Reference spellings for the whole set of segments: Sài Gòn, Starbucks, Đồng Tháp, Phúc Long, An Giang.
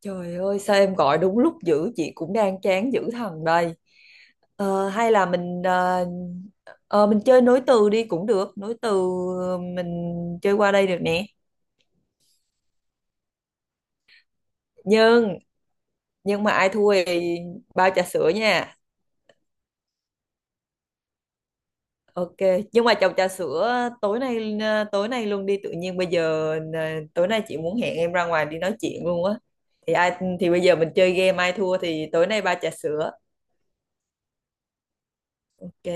Trời ơi, sao em gọi đúng lúc dữ, chị cũng đang chán dữ thần đây. Hay là mình chơi nối từ đi, cũng được. Nối từ mình chơi qua đây được nè. Nhưng nhưng mà ai thua thì bao trà sữa nha. Ok. Nhưng mà chồng trà sữa tối nay, tối nay luôn đi, tự nhiên bây giờ tối nay chị muốn hẹn em ra ngoài đi nói chuyện luôn á. Thì ai thì Bây giờ mình chơi game, ai thua thì tối nay ba trà sữa. Ok.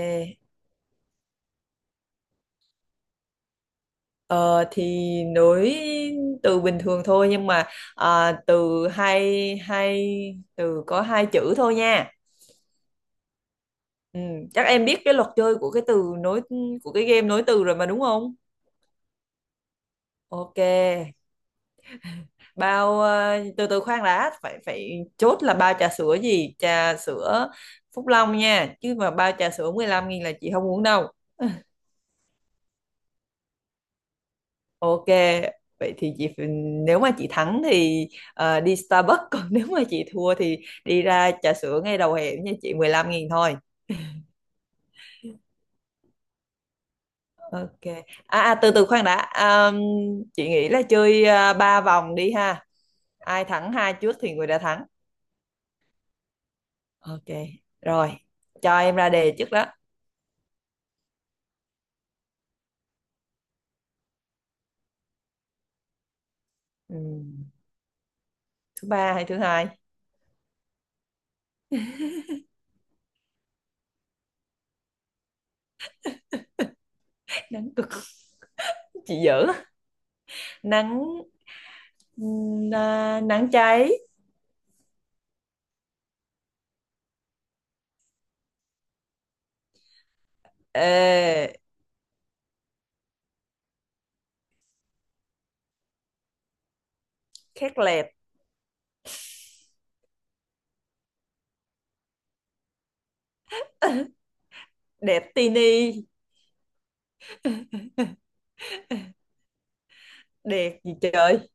Ờ, thì nối từ bình thường thôi, nhưng mà từ hai hai từ có hai chữ thôi nha. Ừ, chắc em biết cái luật chơi của cái từ nối, của cái game nối từ rồi mà, đúng không? Ok. Bao từ từ khoan đã, phải phải chốt là bao trà sữa gì? Trà sữa Phúc Long nha, chứ mà bao trà sữa 15.000 là chị không uống đâu. Ok, vậy thì nếu mà chị thắng thì đi Starbucks, còn nếu mà chị thua thì đi ra trà sữa ngay đầu hẻm nha chị 15 nghìn thôi. Ok. Từ từ khoan đã. Chị nghĩ là chơi 3 vòng đi ha. Ai thắng hai trước thì người đã thắng. Ok. Rồi, cho em ra đề trước đó. Ừm, Thứ ba hay thứ hai? Nắng cực. Chị dở. Nắng Nắng cháy. Ờ, Khét lẹt. Đẹp tini. Đẹp gì trời.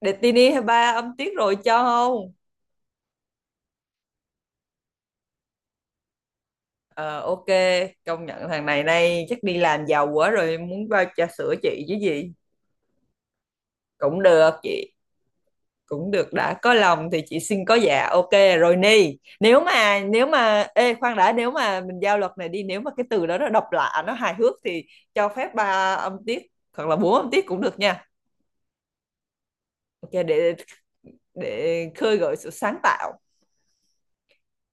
Đẹp tini hay, ba âm tiết rồi, cho không? Ờ ok, công nhận thằng này nay chắc đi làm giàu quá rồi, muốn bao trà sữa chị chứ gì. Cũng được chị, cũng được, đã có lòng thì chị xin có. Dạ, ok. Rồi ni, nếu mà ê, khoan đã, nếu mà mình giao luật này đi, nếu mà cái từ đó nó độc lạ, nó hài hước thì cho phép ba âm tiết hoặc là bốn âm tiết cũng được nha. Ok, để khơi gợi sự sáng tạo.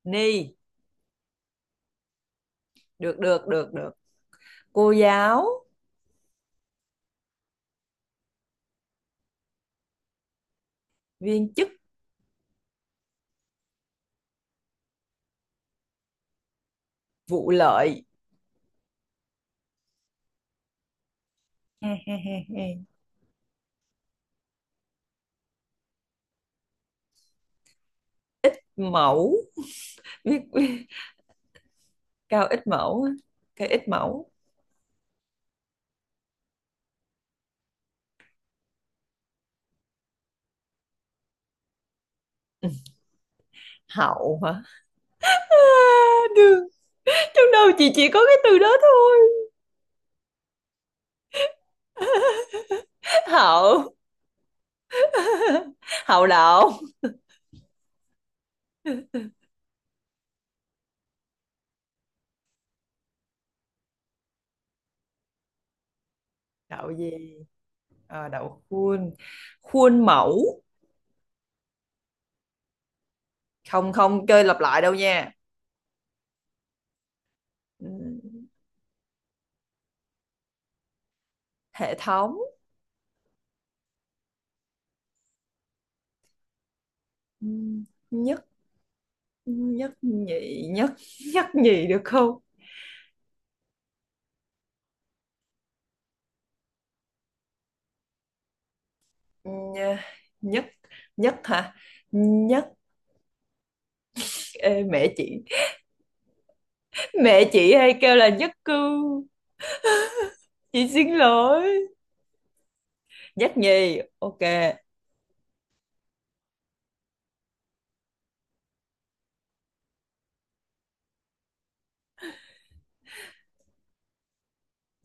Ni. Được, được, được, được. Cô giáo. Viên chức. Vụ lợi. Mẫu. Biết. Cao ít mẫu á. Cái ít mẫu. Hậu hả? à, Đường. Trong đầu chị chỉ có cái từ đó thôi. Hậu. Hậu đậu. Đậu gì? Đậu khuôn. Khuôn mẫu. Không, không chơi lặp lại đâu nha. Ừ. Hệ thống. Ừ. Nhất. Nhất nhị. Nhất. Nhất nhì được không? Ừ, nhất, nhất hả, nhất, ê, mẹ chị. Mẹ chị hay kêu là nhất cư. Chị xin lỗi. Nhất nhì. Ok.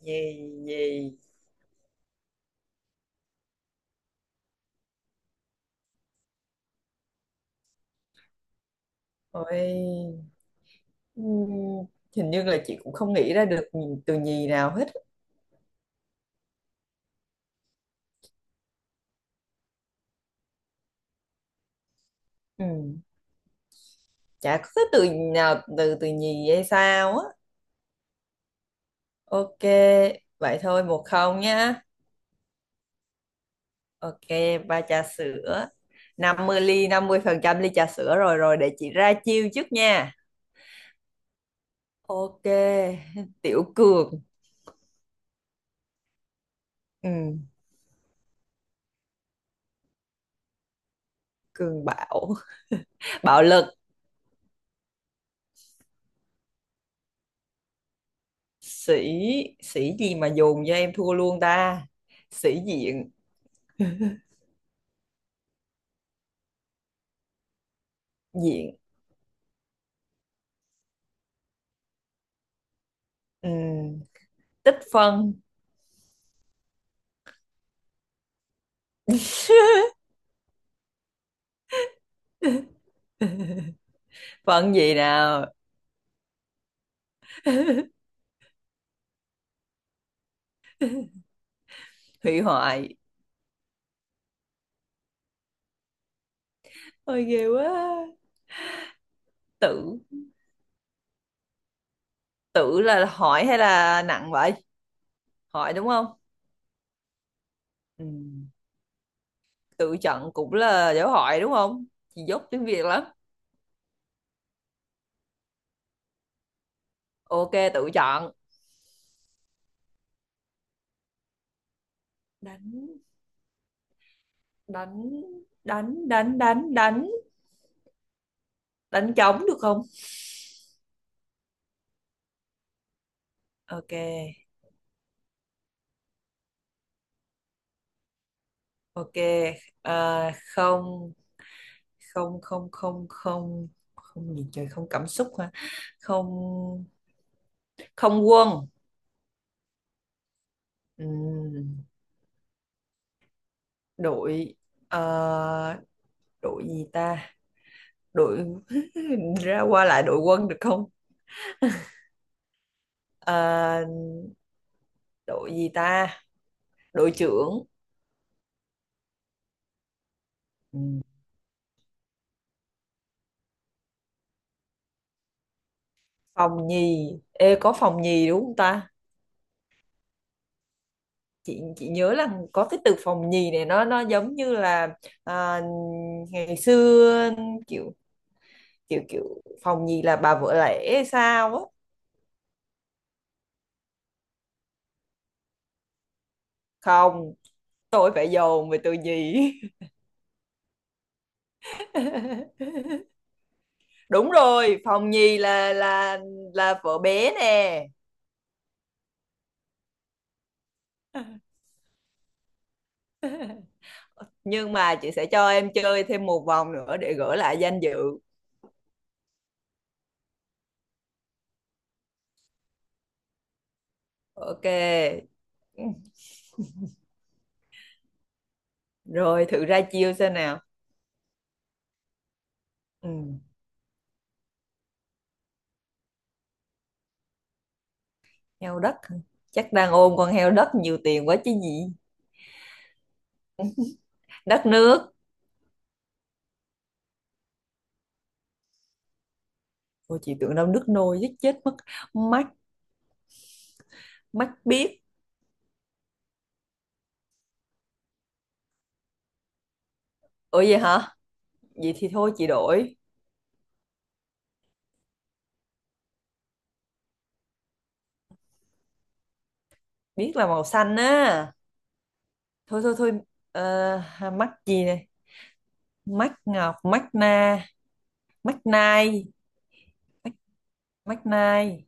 Nhì. Nhì. Ôi, ừm, hình như là chị cũng không nghĩ ra được từ nhì nào hết. Ừm, Chả có cái từ nào từ từ nhì hay sao á? Ok. Vậy thôi, 1-0 nhá. Ok. Ba trà sữa. Năm mươi ly, 50% ly trà sữa, rồi rồi để chị ra chiêu trước nha. Ok. Tiểu Cường. Ừm, Cường Bảo. Bạo lực. Sĩ, sĩ gì mà dồn cho em thua luôn ta? Sĩ diện. Diện. Ừm, Tích phân. Phân gì nào? Hủy hoại. Ôi ghê quá. Tự, tự là hỏi hay là nặng vậy? Hỏi đúng không? Ừm, Tự chọn cũng là dấu hỏi đúng không? Chị dốt tiếng Việt lắm. Ok, tự chọn. Đánh đánh đánh đánh đánh đánh đánh trống được không? Ok. Ok. Không, không, không, không, không, không gì trời, không cảm xúc hả? Không. Không quân. Ừm, Đội, ờ, đội gì ta, đội ra qua lại đội quân được không? Ờ, Đội gì ta? Đội trưởng. Ừm, Phòng nhì, ê, có phòng nhì đúng không ta? Chị nhớ là có cái từ phòng nhì này, nó giống như là, à, ngày xưa, kiểu kiểu kiểu phòng nhì là bà vợ lẽ hay sao á. Không, tôi phải dồn về từ nhì. Đúng rồi, phòng nhì là vợ bé nè. Nhưng mà chị sẽ cho em chơi thêm một vòng nữa để gỡ lại danh dự. Ok. Ừ. Rồi, thử ra chiêu xem nào. Ừ. Heo đất hả? Chắc đang ôm con heo đất nhiều tiền quá chứ gì. Đất nước. Ôi chị tưởng đâu nước nôi giết chết mất. Mắt. Mắt biết. Ủa vậy hả? Vậy thì thôi chị đổi. Biết là màu xanh á. Thôi, thôi, thôi. Ờ, Mắt gì này? Mắt ngọc, mắt na, mắt nai. Mắt nai.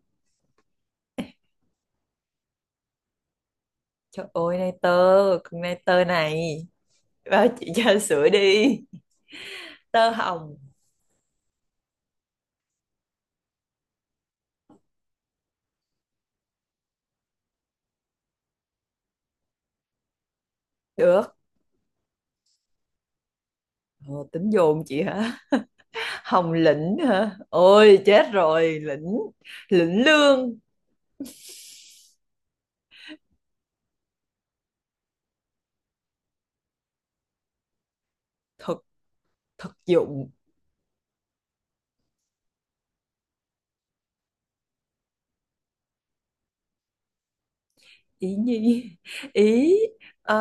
Trời ơi, nai tơ. Con nai tơ này bao chị cho sữa đi. Tơ hồng. Được. Ờ, Tính dồn chị hả? Hồng lĩnh hả? Ôi chết rồi. Lĩnh. Lĩnh lương. Thực. Thực dụng. Ý nhi. Ý. ờ,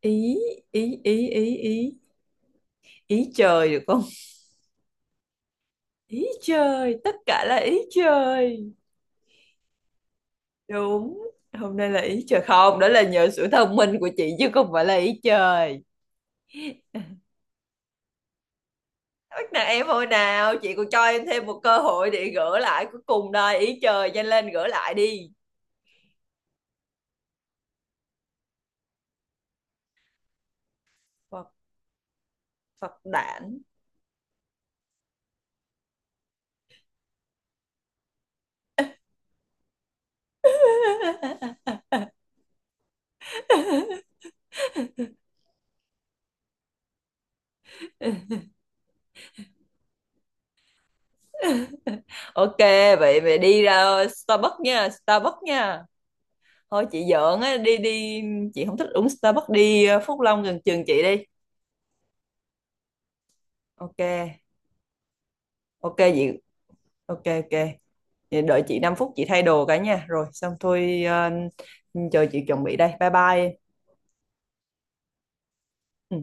Ý, ý, ý, ý, ý, ý trời được không? Ý trời, tất cả là ý trời. Đúng. Hôm nay là ý trời không, đó là nhờ sự thông minh của chị chứ không phải là ý trời. Bắt nạt em hồi nào? Chị còn cho em thêm một cơ hội để gỡ lại cuối cùng đây. Ý trời, nhanh lên gỡ lại đi. Phật. Phật đản. Ok, vậy mày đi ra Starbucks nha, Starbucks nha. Thôi chị giỡn á, đi đi. Chị không thích uống Starbucks, đi Phúc Long gần trường chị đi. Ok. Ok chị. Ok, ok. Vậy đợi chị 5 phút chị thay đồ cả nha, rồi xong thôi. Ờ, Chờ chị chuẩn bị đây, bye bye. Ừ.